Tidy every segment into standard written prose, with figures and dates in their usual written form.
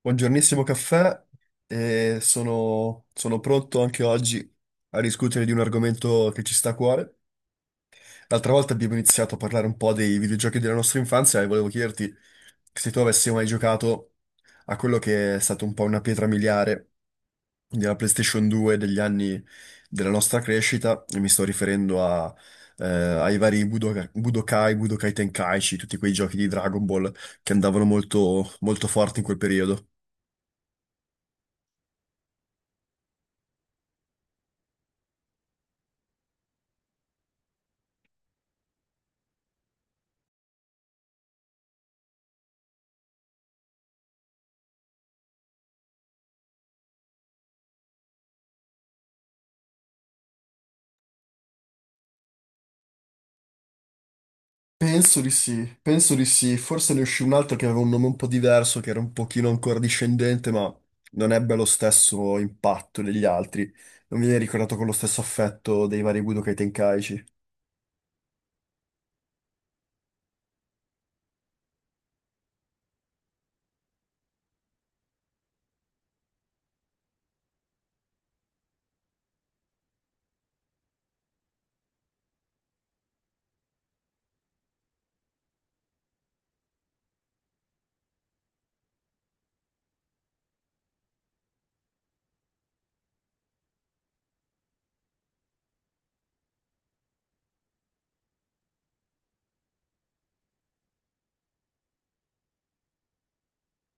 Buongiornissimo caffè, e sono pronto anche oggi a discutere di un argomento che ci sta a cuore. L'altra volta abbiamo iniziato a parlare un po' dei videogiochi della nostra infanzia e volevo chiederti se tu avessi mai giocato a quello che è stato un po' una pietra miliare della PlayStation 2 degli anni della nostra crescita, e mi sto riferendo ai vari Budokai, Budokai Tenkaichi, tutti quei giochi di Dragon Ball che andavano molto molto forti in quel periodo. Penso di sì, penso di sì. Forse ne uscì un altro che aveva un nome un po' diverso, che era un pochino ancora discendente, ma non ebbe lo stesso impatto degli altri. Non viene ricordato con lo stesso affetto dei vari Budokai Tenkaichi.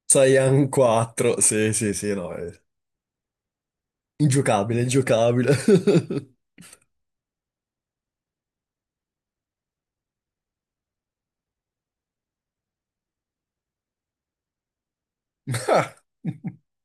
Saiyan 4, sì, sì, sì, no, è ingiocabile, ingiocabile.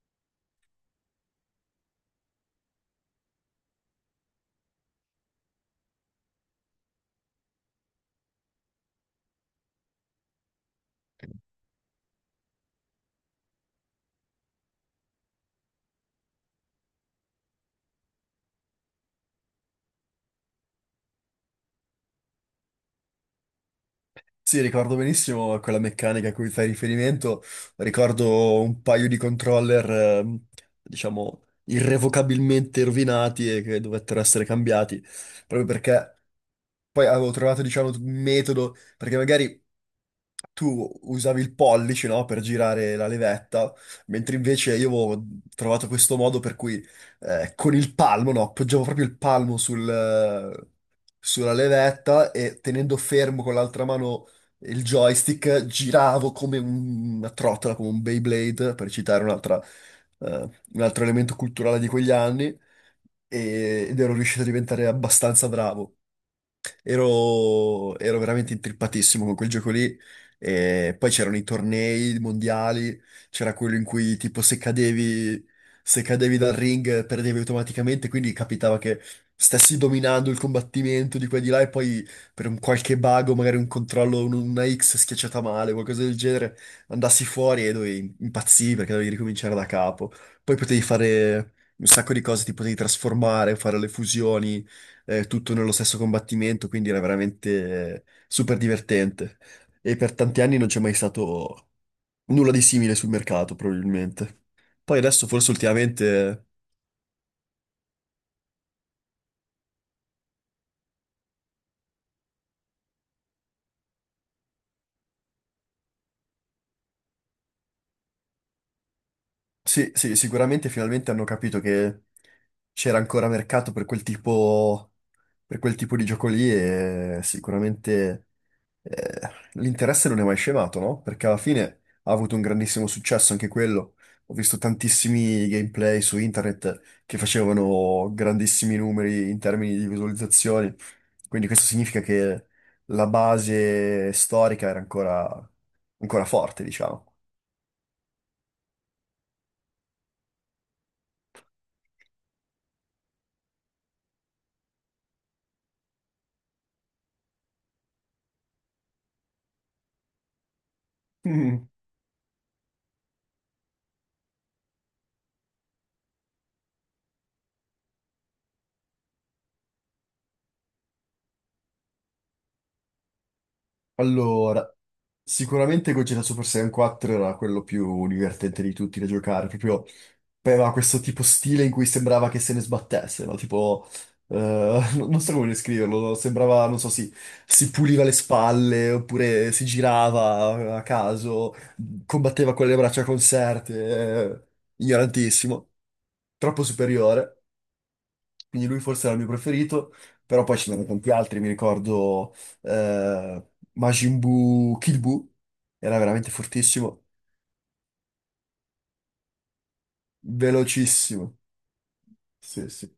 Sì, ricordo benissimo quella meccanica a cui fai riferimento. Ricordo un paio di controller, diciamo, irrevocabilmente rovinati e che dovettero essere cambiati, proprio perché poi avevo trovato, diciamo, un metodo, perché magari tu usavi il pollice, no, per girare la levetta, mentre invece io avevo trovato questo modo per cui con il palmo, no, appoggiavo proprio il palmo sul, sulla levetta e tenendo fermo con l'altra mano il joystick giravo come una trottola, come un Beyblade, per citare un altro elemento culturale di quegli anni, ed ero riuscito a diventare abbastanza bravo. Ero veramente intrippatissimo con quel gioco lì. E poi c'erano i tornei mondiali, c'era quello in cui tipo se cadevi dal ring perdevi automaticamente, quindi capitava che stessi dominando il combattimento di qua e di là e poi per un qualche bug o magari un controllo, una X schiacciata male, qualcosa del genere, andassi fuori e dovevi impazzire perché dovevi ricominciare da capo. Poi potevi fare un sacco di cose, ti potevi trasformare, fare le fusioni tutto nello stesso combattimento, quindi era veramente super divertente. E per tanti anni non c'è mai stato nulla di simile sul mercato, probabilmente. Poi adesso forse ultimamente, sì, sì, sicuramente finalmente hanno capito che c'era ancora mercato per per quel tipo di gioco lì e sicuramente eh, l'interesse non è mai scemato, no? Perché alla fine ha avuto un grandissimo successo anche quello. Ho visto tantissimi gameplay su internet che facevano grandissimi numeri in termini di visualizzazioni. Quindi questo significa che la base storica era ancora forte, diciamo. Mm. Allora, sicuramente Gogeta Super Saiyan 4 era quello più divertente di tutti da giocare, proprio aveva questo tipo stile in cui sembrava che se ne sbattesse, no? Tipo, non so come descriverlo, no? Sembrava, non so, si puliva le spalle, oppure si girava a caso, combatteva con le braccia conserte, ignorantissimo, troppo superiore, quindi lui forse era il mio preferito, però poi ce n'erano tanti altri, mi ricordo eh, Majin Buu, Kid Buu, era veramente fortissimo, velocissimo, sì, sì.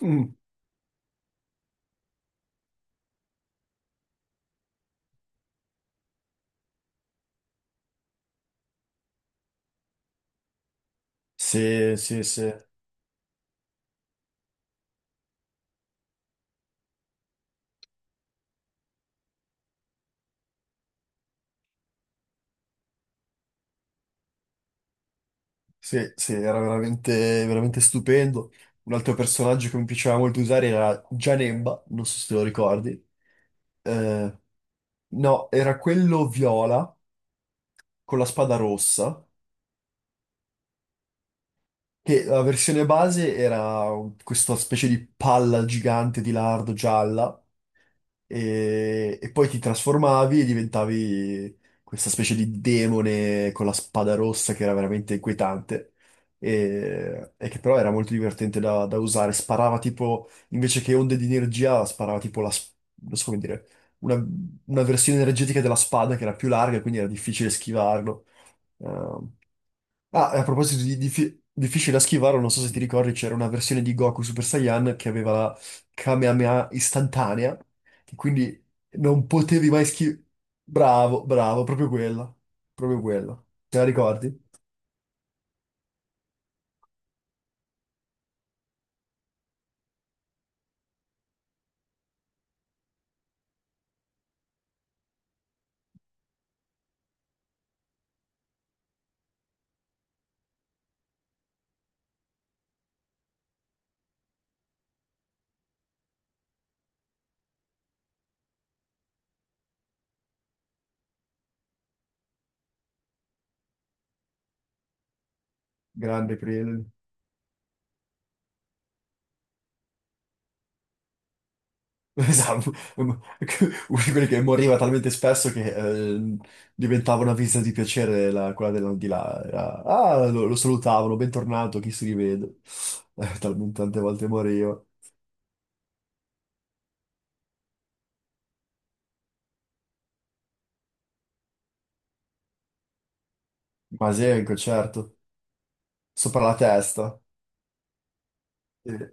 Mm. Sì, sì, sì. Sì, sì, era veramente, veramente stupendo. Un altro personaggio che mi piaceva molto usare era Janemba, non so se te lo ricordi. Eh, no, era quello viola con la spada rossa, che la versione base era questa specie di palla gigante di lardo gialla e poi ti trasformavi e diventavi questa specie di demone con la spada rossa che era veramente inquietante e che però era molto divertente da usare. Sparava tipo, invece che onde di energia, sparava tipo non so come dire, una, una versione energetica della spada che era più larga, quindi era difficile schivarlo. Ehm, Ah, a proposito di difficile da schivare, non so se ti ricordi, c'era una versione di Goku Super Saiyan che aveva la Kamehameha istantanea, che quindi non potevi mai schivare. Bravo, bravo, proprio quella. Proprio quella. Te la ricordi? Grande periodo. Esatto. Uno di quelli che moriva talmente spesso che eh, diventava una visita di piacere quella di là. Ah, lo salutavano, bentornato, chi si rivede. Talmente tante volte moriva. Ma Masenko, certo. Sopra la testa. Eh,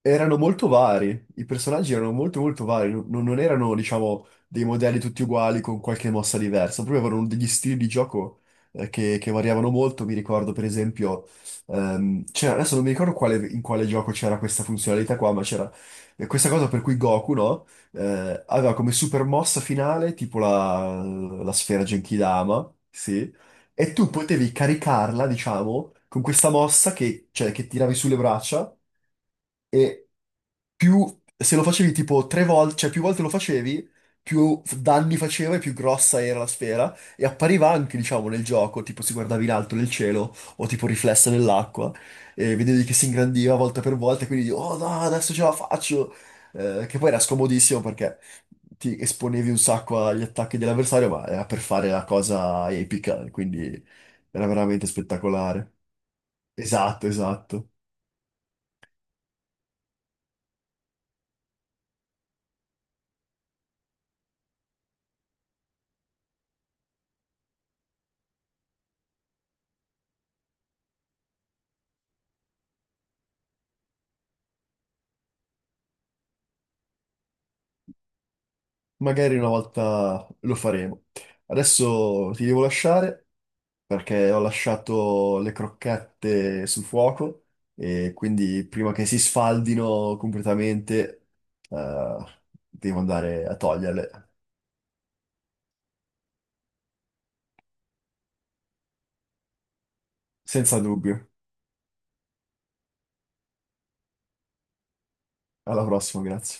Erano molto vari, i personaggi erano molto molto vari, non erano, diciamo, dei modelli tutti uguali con qualche mossa diversa, proprio avevano degli stili di gioco che variavano molto. Mi ricordo, per esempio, adesso non mi ricordo in quale gioco c'era questa funzionalità qua, ma c'era questa cosa per cui Goku, no? Aveva come super mossa finale tipo la sfera Genkidama, sì. E tu potevi caricarla, diciamo, con questa mossa che, cioè, che tiravi sulle braccia e più, se lo facevi tipo tre volte, cioè più volte lo facevi, danni faceva e più grossa era la sfera e appariva anche, diciamo, nel gioco, tipo si guardava in alto nel cielo o tipo riflessa nell'acqua e vedevi che si ingrandiva volta per volta e quindi, oh no, adesso ce la faccio! Che poi era scomodissimo perché ti esponevi un sacco agli attacchi dell'avversario, ma era per fare la cosa epica, quindi era veramente spettacolare. Esatto, esatto. Magari una volta lo faremo. Adesso ti devo lasciare perché ho lasciato le crocchette sul fuoco e quindi prima che si sfaldino completamente, eh, devo andare a toglierle. Senza dubbio. Alla prossima, grazie.